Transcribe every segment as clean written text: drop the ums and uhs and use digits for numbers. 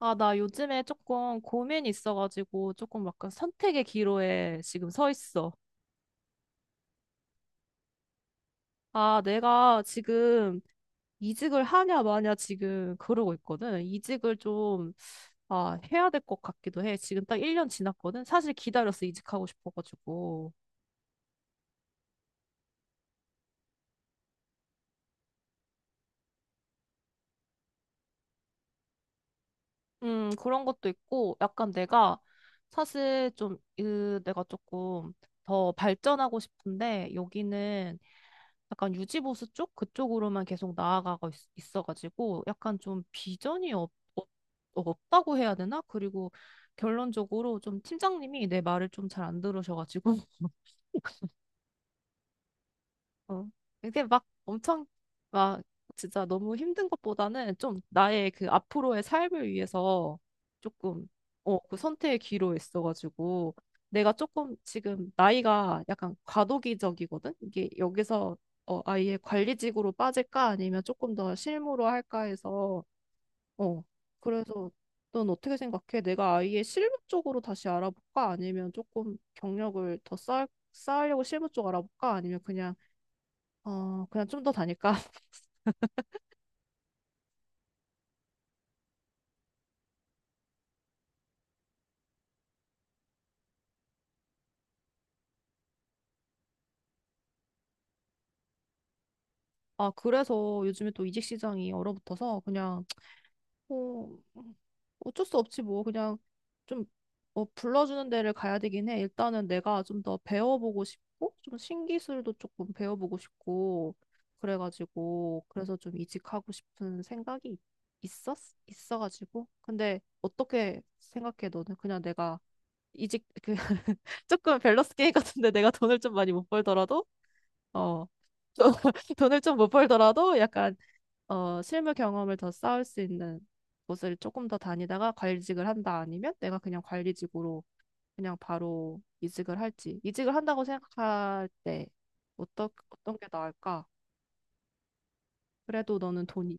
아, 나 요즘에 조금 고민이 있어가지고 조금 약간 선택의 기로에 지금 서 있어. 아, 내가 지금 이직을 하냐 마냐 지금 그러고 있거든. 이직을 좀, 아, 해야 될 것 같기도 해. 지금 딱 1년 지났거든. 사실 기다렸어, 이직하고 싶어가지고. 그런 것도 있고, 약간 내가 사실 좀, 내가 조금 더 발전하고 싶은데, 여기는 약간 유지보수 쪽 그쪽으로만 계속 나아가고 어가지고 약간 좀 비전이 없다고 해야 되나? 그리고 결론적으로 좀 팀장님이 내 말을 좀 잘 안 들으셔가지고 어. 이게 막 엄청 막 진짜 너무 힘든 것보다는 좀 나의 그 앞으로의 삶을 위해서 조금 그 선택의 기로 있어가지고 내가 조금 지금 나이가 약간 과도기적이거든? 이게 여기서 아예 관리직으로 빠질까 아니면 조금 더 실무로 할까 해서 어, 그래서 넌 어떻게 생각해? 내가 아예 실무 쪽으로 다시 알아볼까? 아니면 조금 경력을 더 쌓으려고 실무 쪽 알아볼까? 아니면 그냥 그냥 좀 더 다닐까? 아, 그래서 요즘에 또 이직 시장이 얼어붙어서 그냥, 어, 어쩔 수 없지 뭐. 그냥 좀, 불러주는 데를 가야 되긴 해. 일단은 내가 좀 더 배워보고 싶고, 좀 신기술도 조금 배워보고 싶고, 그래가지고, 그래서 좀 이직하고 싶은 생각이 있었, 있어가지고. 근데 어떻게 생각해, 너는? 그냥 내가 이직, 그, 조금 밸런스 게임 같은데 내가 돈을 좀 많이 못 벌더라도 어, 좀 돈을 좀 못 벌더라도 약간 실무 경험을 더 쌓을 수 있는 곳을 조금 더 다니다가 관리직을 한다 아니면 내가 그냥 관리직으로 그냥 바로 이직을 할지. 이직을 한다고 생각할 때 어떤 게 나을까? 그래도 너는 돈이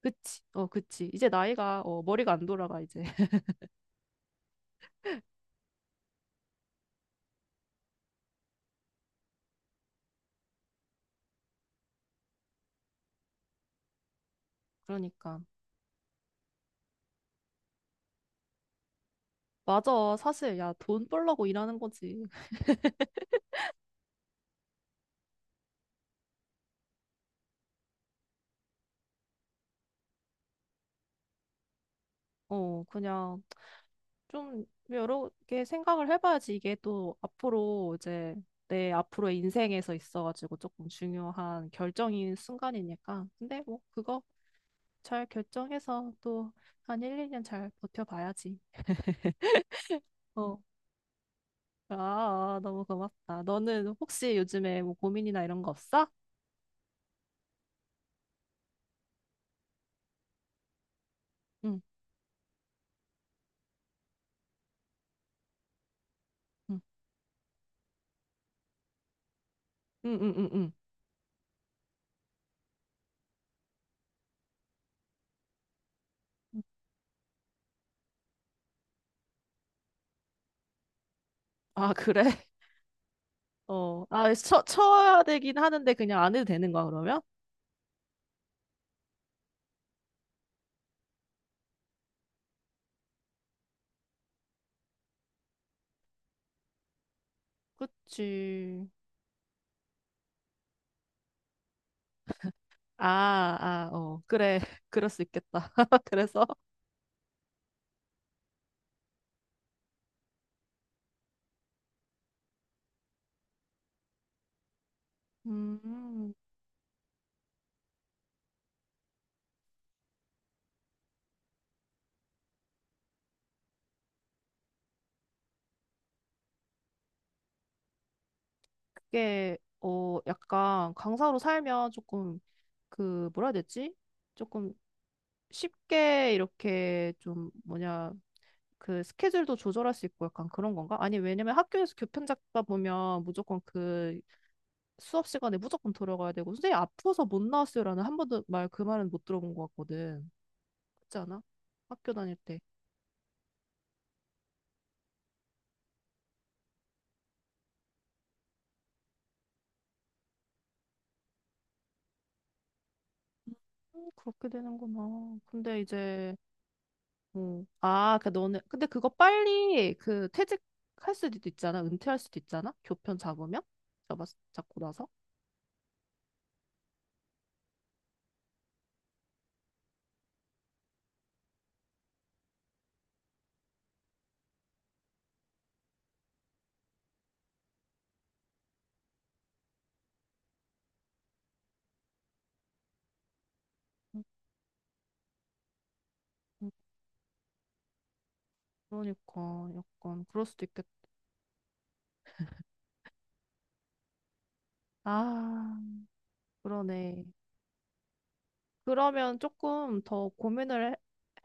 그치. 어, 그치. 이제 나이가 머리가 안 돌아가 이제. 그러니까. 맞아. 사실 야, 돈 벌려고 일하는 거지. 그냥 좀 여러 개 생각을 해봐야지 이게 또 앞으로 이제 내 앞으로의 인생에서 있어가지고 조금 중요한 결정인 순간이니까. 근데 뭐 그거 잘 결정해서 또 한 1, 2년 잘 버텨봐야지. 어. 아, 아, 너무 고맙다. 너는 혹시 요즘에 뭐 고민이나 이런 거 없어? 응, 응, 응, 응, 응. 응. 응. 아, 그래? 어. 아, 쳐야 되긴 하는데 그냥 안 해도 되는 거야, 그러면? 그치. 아, 아, 어, 그래, 그럴 수 있겠다. 그래서, 음, 그게, 약간 강사로 살면 조금, 그, 뭐라 해야 되지? 조금 쉽게 이렇게 좀, 뭐냐, 그 스케줄도 조절할 수 있고 약간 그런 건가? 아니, 왜냐면 학교에서 교편 잡다 보면 무조건 그 수업 시간에 무조건 들어가야 되고, 선생님 아파서 못 나왔어요라는 한 번도 그 말은 못 들어본 것 같거든. 그렇지 않아? 학교 다닐 때. 그렇게 되는구나. 근데 이제, 아, 그 너는 근데 그거 빨리 그 퇴직할 수도 있잖아. 은퇴할 수도 있잖아. 교편 잡으면 잡았 잡고 나서. 음, 음, 그러니까 약간 그럴 수도 있겠다. 아, 그러네. 그러면 조금 더 고민을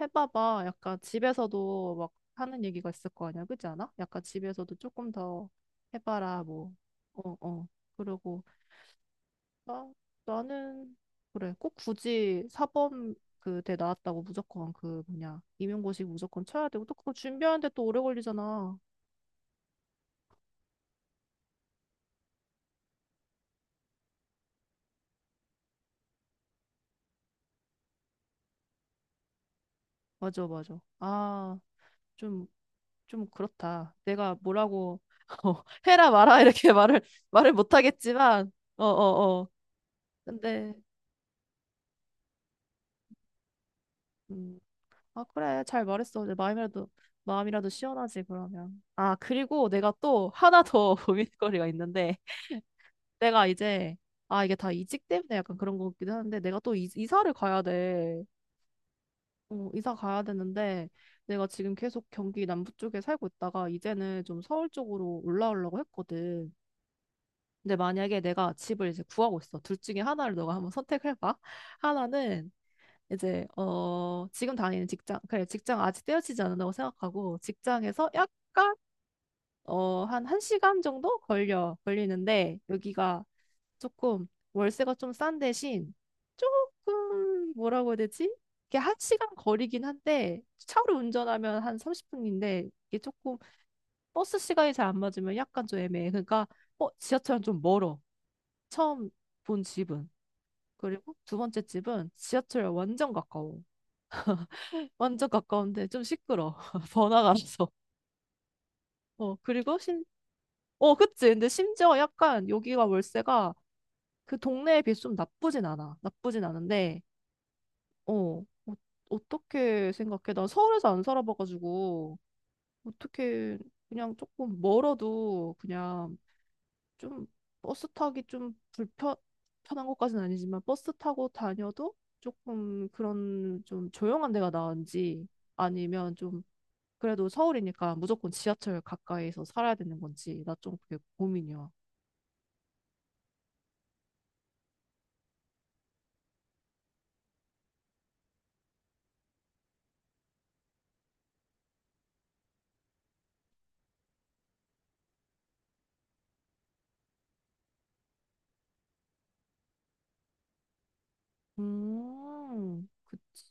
해봐봐. 약간 집에서도 막 하는 얘기가 있을 거 아니야, 그지 않아? 약간 집에서도 조금 더 해봐라. 뭐, 어, 어. 그리고 나, 나는, 그래, 꼭 굳이 사범 그대 나왔다고 무조건 그 뭐냐, 임용고시 무조건 쳐야 되고, 또 그거 준비하는데 또 오래 걸리잖아. 맞아, 맞아. 아, 좀, 좀 그렇다. 내가 뭐라고, 해라 마라 이렇게 말을 못하겠지만, 어, 어, 어. 근데, 음, 아, 그래, 잘 말했어. 내 마음이라도 시원하지, 그러면. 아, 그리고 내가 또 하나 더 고민거리가 있는데, 내가 이제 아 이게 다 이직 때문에 약간 그런 거 같기도 하는데 내가 또 이사를 가야 돼. 이사 가야 되는데 내가 지금 계속 경기 남부 쪽에 살고 있다가 이제는 좀 서울 쪽으로 올라오려고 했거든. 근데 만약에 내가 집을 이제 구하고 있어. 둘 중에 하나를 너가 한번 선택해봐. 하나는 이제 지금 다니는 직장 그래 직장 아직 떼어지지 않는다고 생각하고 직장에서 약간 한 한시간 정도 걸려 걸리는데 여기가 조금 월세가 좀 싼 대신 조금 뭐라고 해야 되지? 이게 한 시간 거리긴 한데 차로 운전하면 한 30분인데 이게 조금 버스 시간이 잘 안 맞으면 약간 좀 애매해. 그러니까 지하철은 좀 멀어. 처음 본 집은. 그리고 두 번째 집은 지하철 완전 가까워. 완전 가까운데 좀 시끄러. 번화가라서. 그리고 심 어 그치. 근데 심지어 약간 여기가 월세가 그 동네에 비해서 좀 나쁘진 않아. 나쁘진 않은데 어, 어, 어떻게 생각해? 난 서울에서 안 살아봐가지고, 어떻게, 그냥 조금 멀어도, 그냥 좀 버스 타기 좀 편한 것까지는 아니지만, 버스 타고 다녀도 조금 그런 좀 조용한 데가 나은지, 아니면 좀, 그래도 서울이니까 무조건 지하철 가까이서 살아야 되는 건지, 나 좀 그게 고민이야. 그치.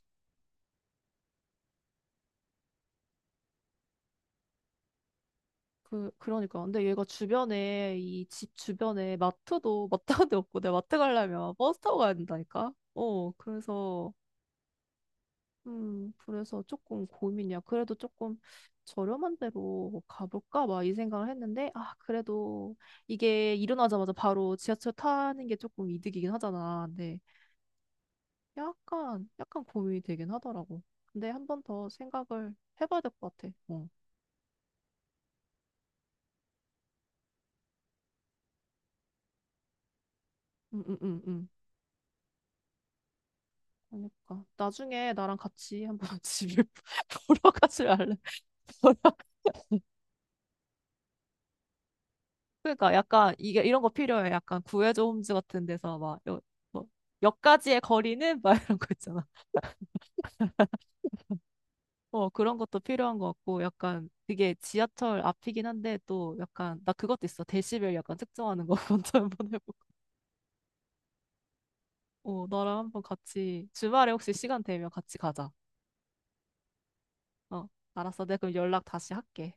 그러니까. 근데 얘가 주변에, 이 집 주변에 마트도, 마트가 데 없고, 내가 마트 가려면 버스 타고 가야 된다니까? 어, 그래서, 그래서 조금 고민이야. 그래도 조금 저렴한 데로 가볼까? 막 이 생각을 했는데, 아, 그래도 이게 일어나자마자 바로 지하철 타는 게 조금 이득이긴 하잖아. 근데 약간, 약간 고민이 되긴 하더라고. 근데 한 번 더 생각을 해봐야 될 것 같아. 어. 음, 음, 음, 음. 그러니까 나중에 나랑 같이 한번 집을 보러 가지 말래. 그러니까 약간 이게 이런 거 필요해. 약간 구해줘 홈즈 같은 데서 막 뭐, 몇 가지의 거리는 막 이런 거 있잖아. 그런 것도 필요한 것 같고 약간 그게 지하철 앞이긴 한데 또 약간 나 그것도 있어. 데시벨 약간 측정하는 거 먼저 한번 해보고. 나랑 한번 같이 주말에 혹시 시간 되면 같이 가자. 어 알았어. 내가 그럼 연락 다시 할게.